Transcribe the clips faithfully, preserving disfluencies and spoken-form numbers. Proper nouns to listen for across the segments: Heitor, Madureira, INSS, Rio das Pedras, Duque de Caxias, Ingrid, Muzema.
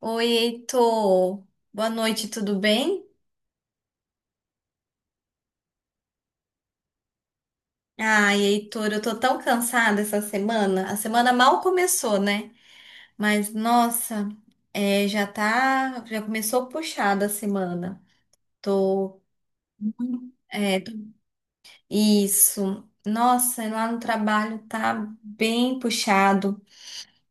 Oi, Heitor. Boa noite, tudo bem? Ai, Heitor, eu tô tão cansada essa semana. A semana mal começou, né? Mas nossa, é, já tá, já começou puxada a semana. Tô, é, tô- isso. Nossa, lá no trabalho tá bem puxado.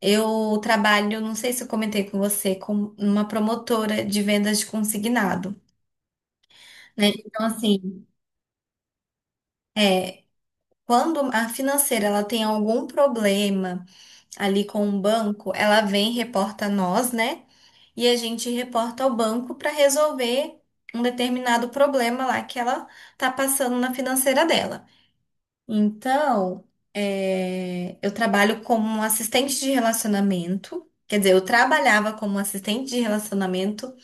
Eu trabalho, não sei se eu comentei com você, com uma promotora de vendas de consignado, né? Então, assim, é, Quando a financeira ela tem algum problema ali com o banco, ela vem e reporta a nós, né? E a gente reporta ao banco para resolver um determinado problema lá que ela tá passando na financeira dela. Então, é, eu trabalho como um assistente de relacionamento. Quer dizer, eu trabalhava como assistente de relacionamento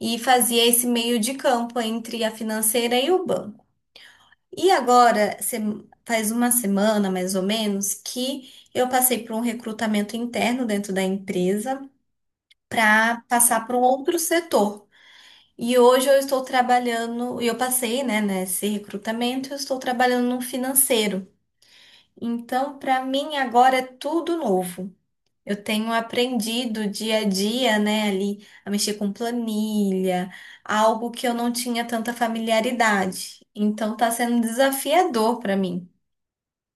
e fazia esse meio de campo entre a financeira e o banco. E agora, se- faz uma semana mais ou menos, que eu passei por um recrutamento interno dentro da empresa para passar para um outro setor. E hoje eu estou trabalhando, e eu passei, né, nesse recrutamento, eu estou trabalhando no financeiro. Então, para mim agora é tudo novo. Eu tenho aprendido dia a dia, né, ali a mexer com planilha, algo que eu não tinha tanta familiaridade. Então, está sendo desafiador para mim.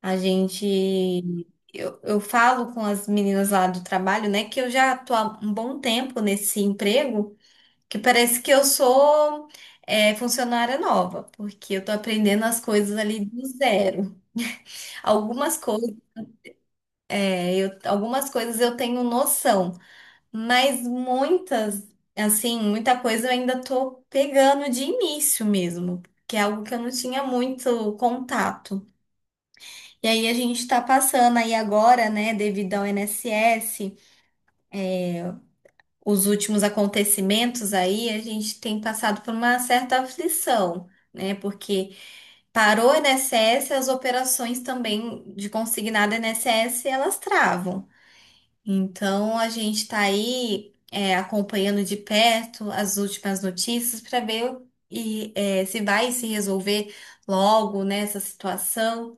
A gente. Eu, eu falo com as meninas lá do trabalho, né, que eu já tô há um bom tempo nesse emprego, que parece que eu sou, é, funcionária nova, porque eu tô aprendendo as coisas ali do zero. Algumas coisas, é, eu, Algumas coisas eu tenho noção, mas muitas, assim, muita coisa eu ainda tô pegando de início mesmo, que é algo que eu não tinha muito contato. E aí a gente está passando aí agora, né, devido ao I N S S, os últimos acontecimentos aí, a gente tem passado por uma certa aflição, né, porque parou o I N S S, as operações também de consignado I N S S, elas travam. Então a gente está aí é, acompanhando de perto as últimas notícias para ver e, é, se vai se resolver logo, né, essa situação.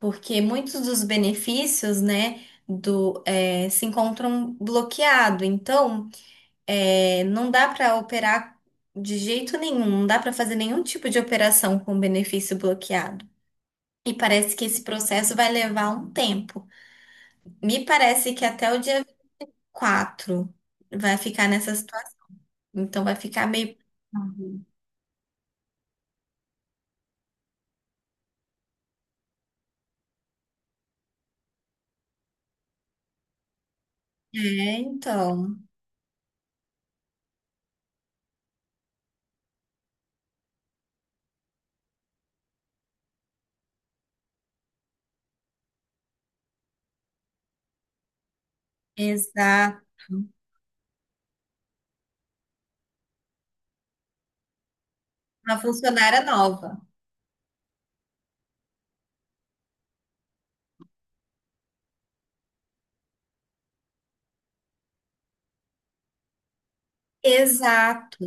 porque muitos dos benefícios, né, do, eh, se encontram bloqueado. Então, eh, não dá para operar de jeito nenhum, não dá para fazer nenhum tipo de operação com benefício bloqueado. E parece que esse processo vai levar um tempo. Me parece que até o dia quatro vai ficar nessa situação. Então, vai ficar meio. É, então, exato. Uma funcionária nova. Exato.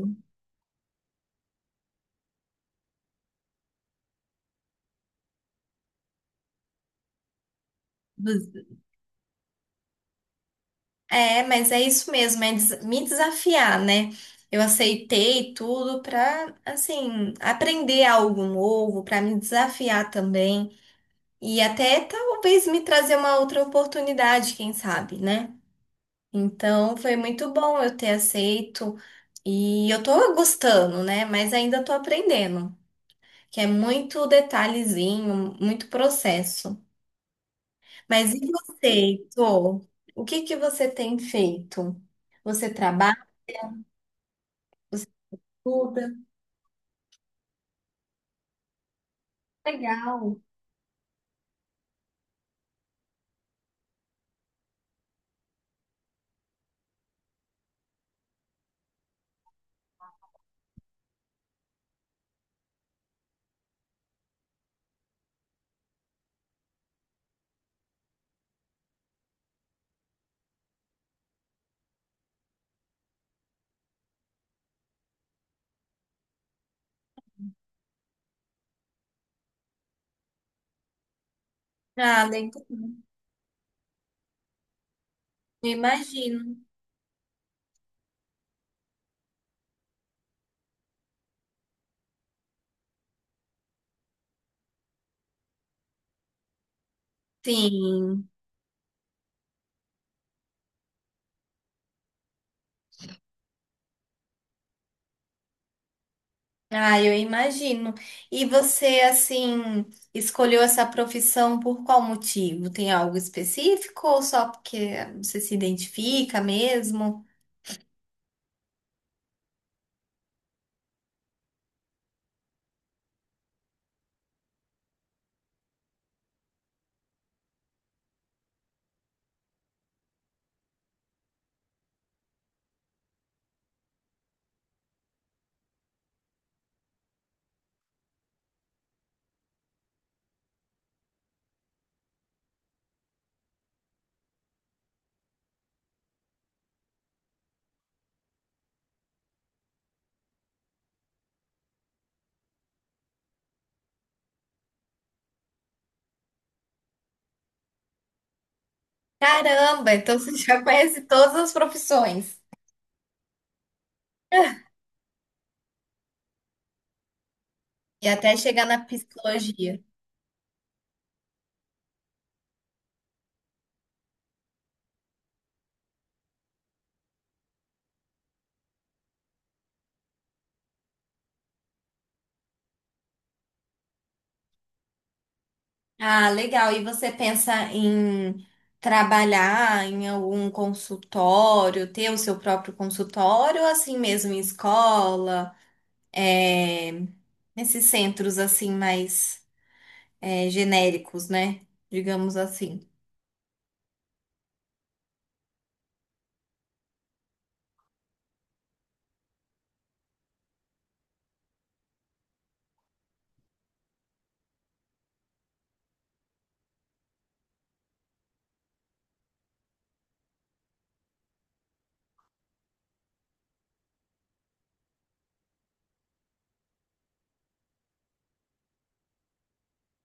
É, mas é isso mesmo, é des- me desafiar, né? Eu aceitei tudo pra, assim, aprender algo novo, pra me desafiar também e até talvez me trazer uma outra oportunidade, quem sabe, né? Então, foi muito bom eu ter aceito e eu tô gostando, né? Mas ainda tô aprendendo, que é muito detalhezinho, muito processo. Mas e você, Heitor? O que que você tem feito? Você trabalha? Buda. Legal. Ah, legal. Eu imagino. Sim. Ah, eu imagino. E você, assim, escolheu essa profissão por qual motivo? Tem algo específico ou só porque você se identifica mesmo? Caramba, então você já conhece todas as profissões. E até chegar na psicologia. Ah, legal. E você pensa em trabalhar em algum consultório, ter o seu próprio consultório, ou assim mesmo em escola, é, nesses centros assim mais é, genéricos, né? Digamos assim.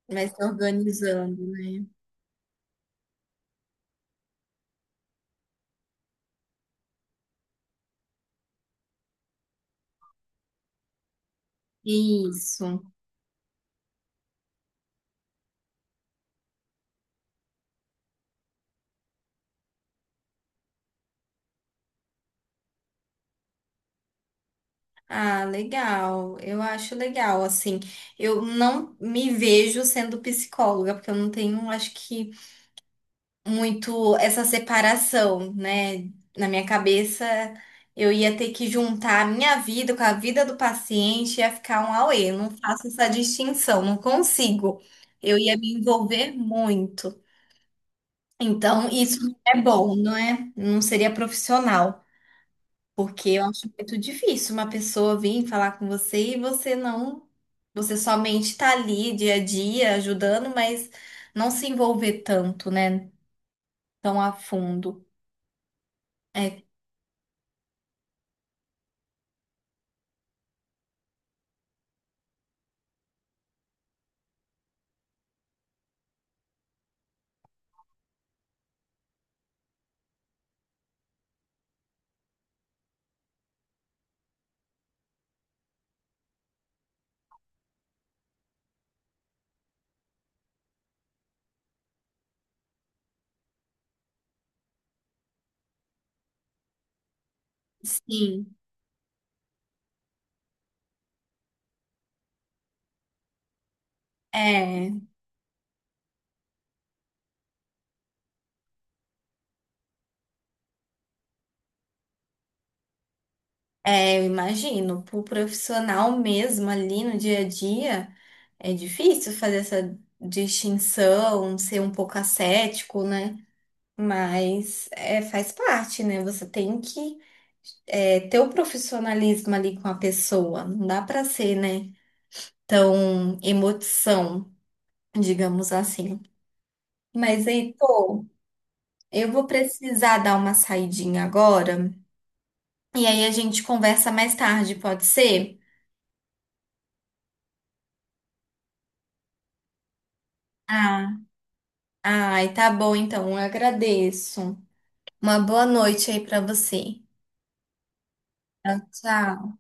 Vai se organizando. Isso. Ah, legal. Eu acho legal, assim. Eu não me vejo sendo psicóloga, porque eu não tenho, acho que muito essa separação, né? Na minha cabeça, eu ia ter que juntar a minha vida com a vida do paciente, ia ficar um auê. Eu não faço essa distinção, não consigo. Eu ia me envolver muito. Então, isso não é bom, não é? Não seria profissional, porque eu acho muito difícil uma pessoa vir falar com você e você não, você somente tá ali dia a dia ajudando, mas não se envolver tanto, né? Tão a fundo. É. Sim. é, é, eu imagino, para o profissional mesmo ali no dia a dia, é difícil fazer essa distinção, ser um pouco ascético, né? Mas é, faz parte, né? Você tem que é, ter o profissionalismo ali com a pessoa, não dá para ser, né, tão emoção, digamos assim. Mas, Heitor, eu vou precisar dar uma saidinha agora, e aí a gente conversa mais tarde, pode ser? Ah, ai, tá bom então, eu agradeço. Uma boa noite aí pra você. Tchau, tchau.